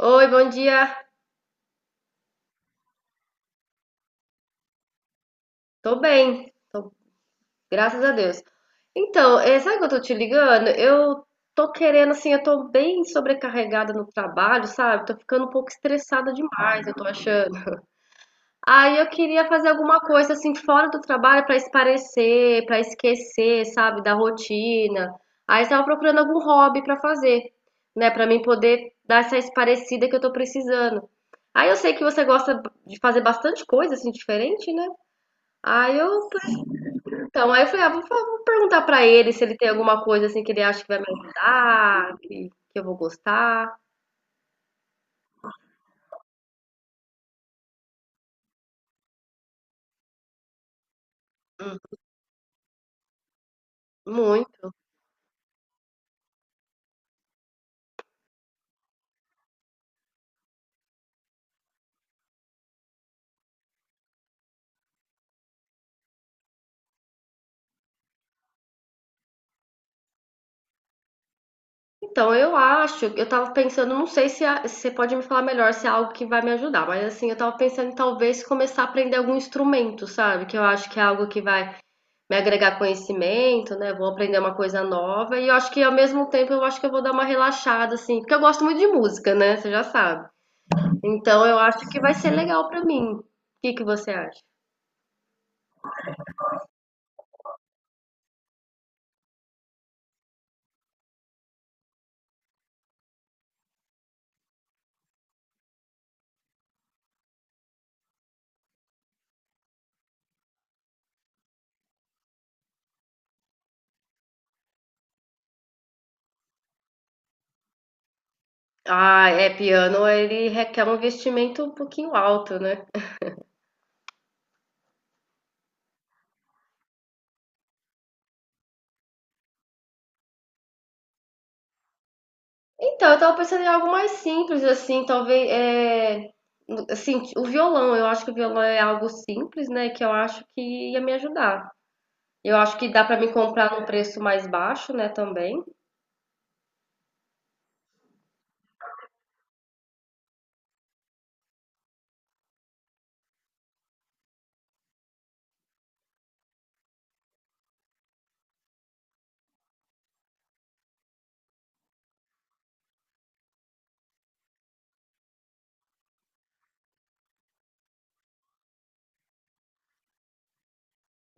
Oi, bom dia. Tô bem, tô- Graças a Deus. Então, sabe que eu tô te ligando? Eu Tô querendo, assim, eu tô bem sobrecarregada no trabalho, sabe? Tô ficando um pouco estressada demais, eu tô achando. Aí eu queria fazer alguma coisa, assim, fora do trabalho pra esparecer, pra esquecer, sabe, da rotina. Aí eu tava procurando algum hobby pra fazer, né, pra mim poder dar essa esparecida que eu tô precisando. Aí eu sei que você gosta de fazer bastante coisa, assim, diferente, né? Aí eu Então, aí eu falei, ah, vou perguntar pra ele se ele tem alguma coisa assim que ele acha que vai me ajudar, que eu vou gostar. Hum. Muito. Então, eu acho, eu tava pensando, não sei se você pode me falar melhor se é algo que vai me ajudar, mas assim, eu tava pensando em talvez começar a aprender algum instrumento, sabe? Que eu acho que é algo que vai me agregar conhecimento, né? Vou aprender uma coisa nova e eu acho que ao mesmo tempo eu acho que eu vou dar uma relaxada, assim, porque eu gosto muito de música, né? Você já sabe. Então, eu acho que vai ser legal pra mim. O que que você acha? Ah, é, piano ele requer um investimento um pouquinho alto, né? Então, eu tava pensando em algo mais simples, assim, talvez, assim, o violão, eu acho que o violão é algo simples, né, que eu acho que ia me ajudar. Eu acho que dá pra me comprar num preço mais baixo, né, também.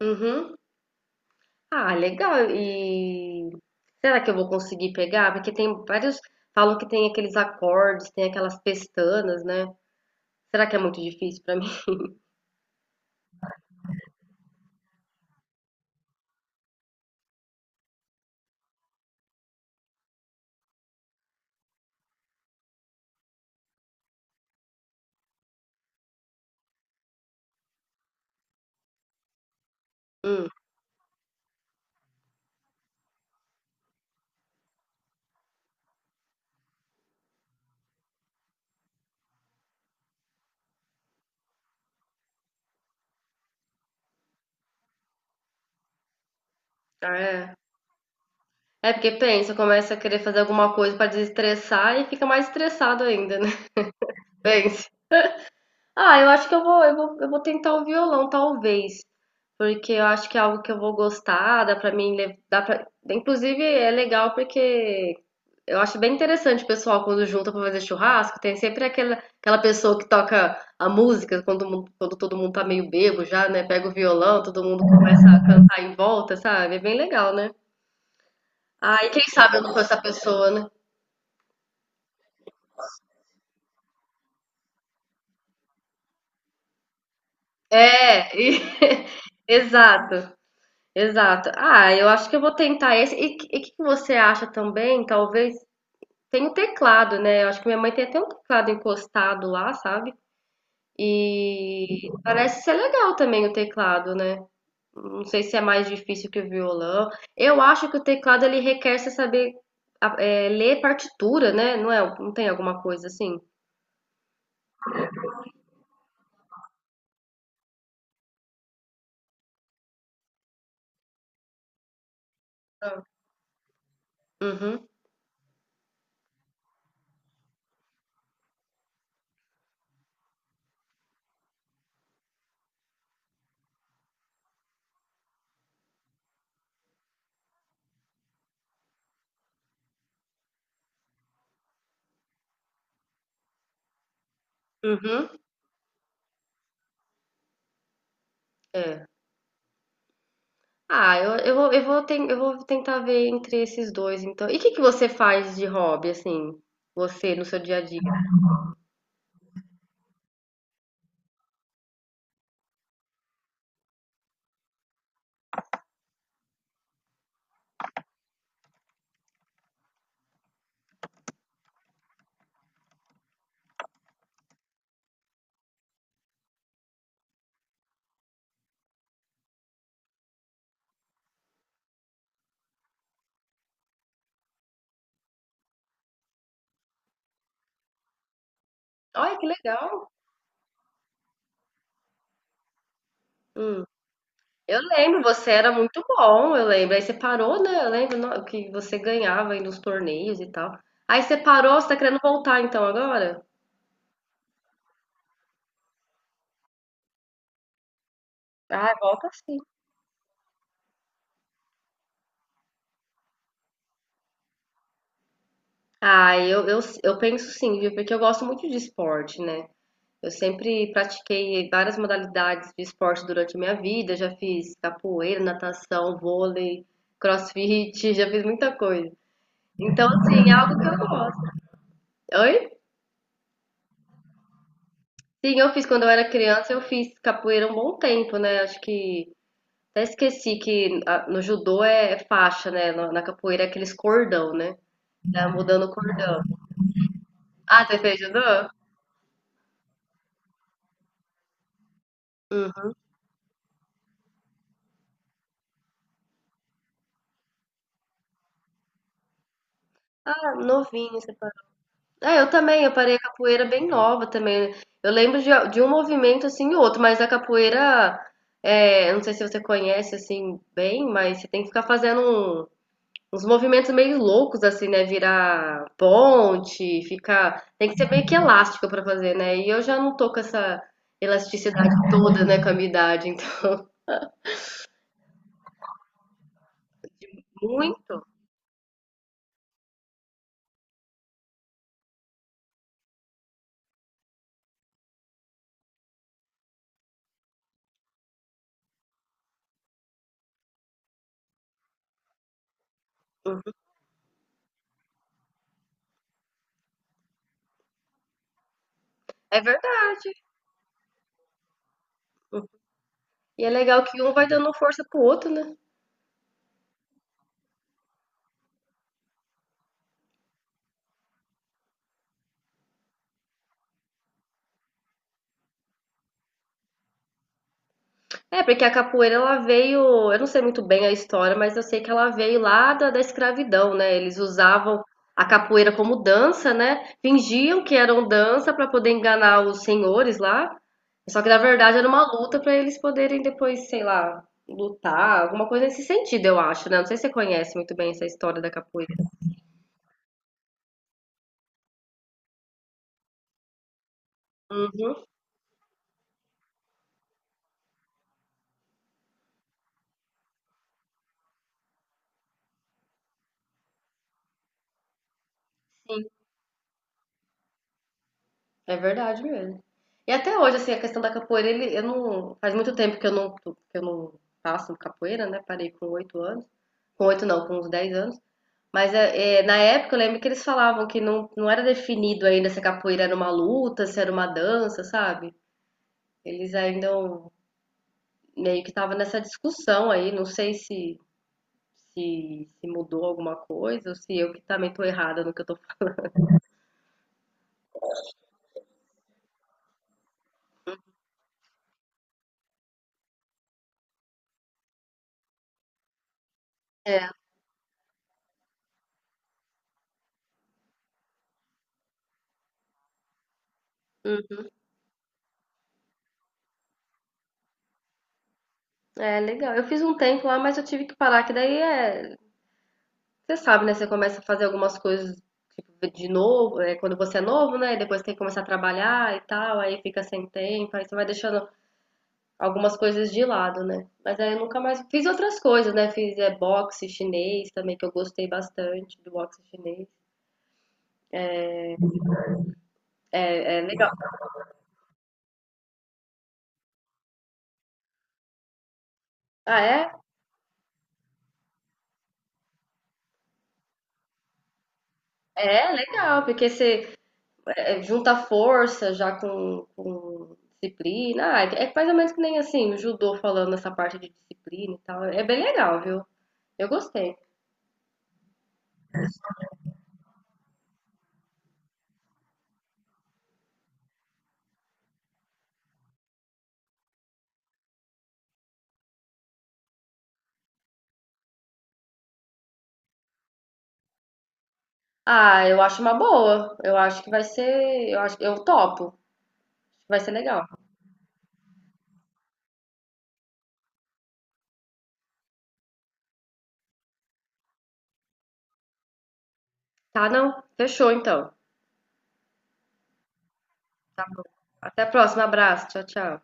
Uhum. Ah, legal, e será que eu vou conseguir pegar? Porque tem vários, falam que tem aqueles acordes, tem aquelas pestanas, né? Será que é muito difícil pra mim? Hum, ah, é. É porque pensa, começa a querer fazer alguma coisa pra desestressar e fica mais estressado ainda, né? Pense. Ah, eu acho que eu vou, eu vou, eu vou tentar o violão, talvez. Porque eu acho que é algo que eu vou gostar, dá pra... Inclusive é legal porque eu acho bem interessante o pessoal quando junta pra fazer churrasco, tem sempre aquela pessoa que toca a música quando todo mundo tá meio bêbado já, né? Pega o violão, todo mundo começa a cantar em volta, sabe? É bem legal, né? Ah, e quem sabe eu não sou essa pessoa, né? É, e- exato, exato. Ah, eu acho que eu vou tentar esse. E o que que você acha também? Talvez tem o teclado, né? Eu acho que minha mãe tem até um teclado encostado lá, sabe? E parece ser legal também o teclado, né? Não sei se é mais difícil que o violão. Eu acho que o teclado ele requer você saber ler partitura, né? Não é? Não tem alguma coisa assim? Não. Uhum, uhum, é. Ah, eu vou tentar ver entre esses dois, então. E o que que você faz de hobby, assim? Você no seu dia a dia? Olha, que legal! Hum. Eu lembro, você era muito bom, eu lembro. Aí você parou, né? Eu lembro no- Que você ganhava aí nos torneios e tal. Aí você parou, você tá querendo voltar então agora? Ah, volta sim. Ah, eu penso sim, viu? Porque eu gosto muito de esporte, né? Eu sempre pratiquei várias modalidades de esporte durante a minha vida. Já fiz capoeira, natação, vôlei, crossfit, já fiz muita coisa. Então, assim, é algo que eu gosto. Oi? Sim, eu fiz quando eu era criança, eu fiz capoeira um bom tempo, né? Acho que até esqueci que no judô é faixa, né? Na capoeira é aqueles cordão, né? Tá mudando o cordão. Ah, você fez judô? Uhum. Ah, novinho, ah, eu também, eu parei a capoeira bem nova também. Eu lembro de um movimento assim e outro, mas a capoeira, é, eu não sei se você conhece assim bem, mas você tem que ficar fazendo um- uns movimentos meio loucos assim, né? Virar ponte, ficar. Tem que ser meio que elástico pra fazer, né? E eu já não tô com essa elasticidade toda, né, com a minha idade, então. Muito. É verdade. E é legal que um vai dando força pro outro, né? É, porque a capoeira ela veio, eu não sei muito bem a história, mas eu sei que ela veio lá da escravidão, né? Eles usavam a capoeira como dança, né? Fingiam que eram dança para poder enganar os senhores lá. Só que na verdade era uma luta para eles poderem depois, sei lá, lutar, alguma coisa nesse sentido, eu acho, né? Não sei se você conhece muito bem essa história da capoeira. É verdade mesmo. E até hoje, assim, a questão da capoeira, ele, eu não, faz muito tempo que eu não faço capoeira, né? Parei com 8 anos. Com oito não, com uns 10 anos. Mas na época eu lembro que eles falavam que não era definido ainda se a capoeira era uma luta, se era uma dança, sabe? Eles ainda não- Meio que estavam nessa discussão aí, não sei se mudou alguma coisa ou se eu que também tô errada no que eu tô falando. É, hum, é legal. Eu fiz um tempo lá, mas eu tive que parar, você sabe, né? Você começa a fazer algumas coisas tipo, de novo, é, quando você é novo, né? E depois tem que começar a trabalhar e tal, aí fica sem tempo, aí você vai deixando algumas coisas de lado, né? Mas aí eu nunca mais fiz outras coisas, né? Fiz é, boxe chinês também, que eu gostei bastante do boxe chinês. É, é legal. Ah, é? É é legal, porque você é, junta força já com disciplina. Ah, é mais ou menos que nem assim, o judô falando essa parte de disciplina e tal. É bem legal, viu? Eu gostei. Ah, eu acho uma boa. Eu acho que vai ser. Eu acho, eu topo. Vai ser legal. Tá, não? Fechou então. Tá bom. Até a próxima. Abraço. Tchau, tchau.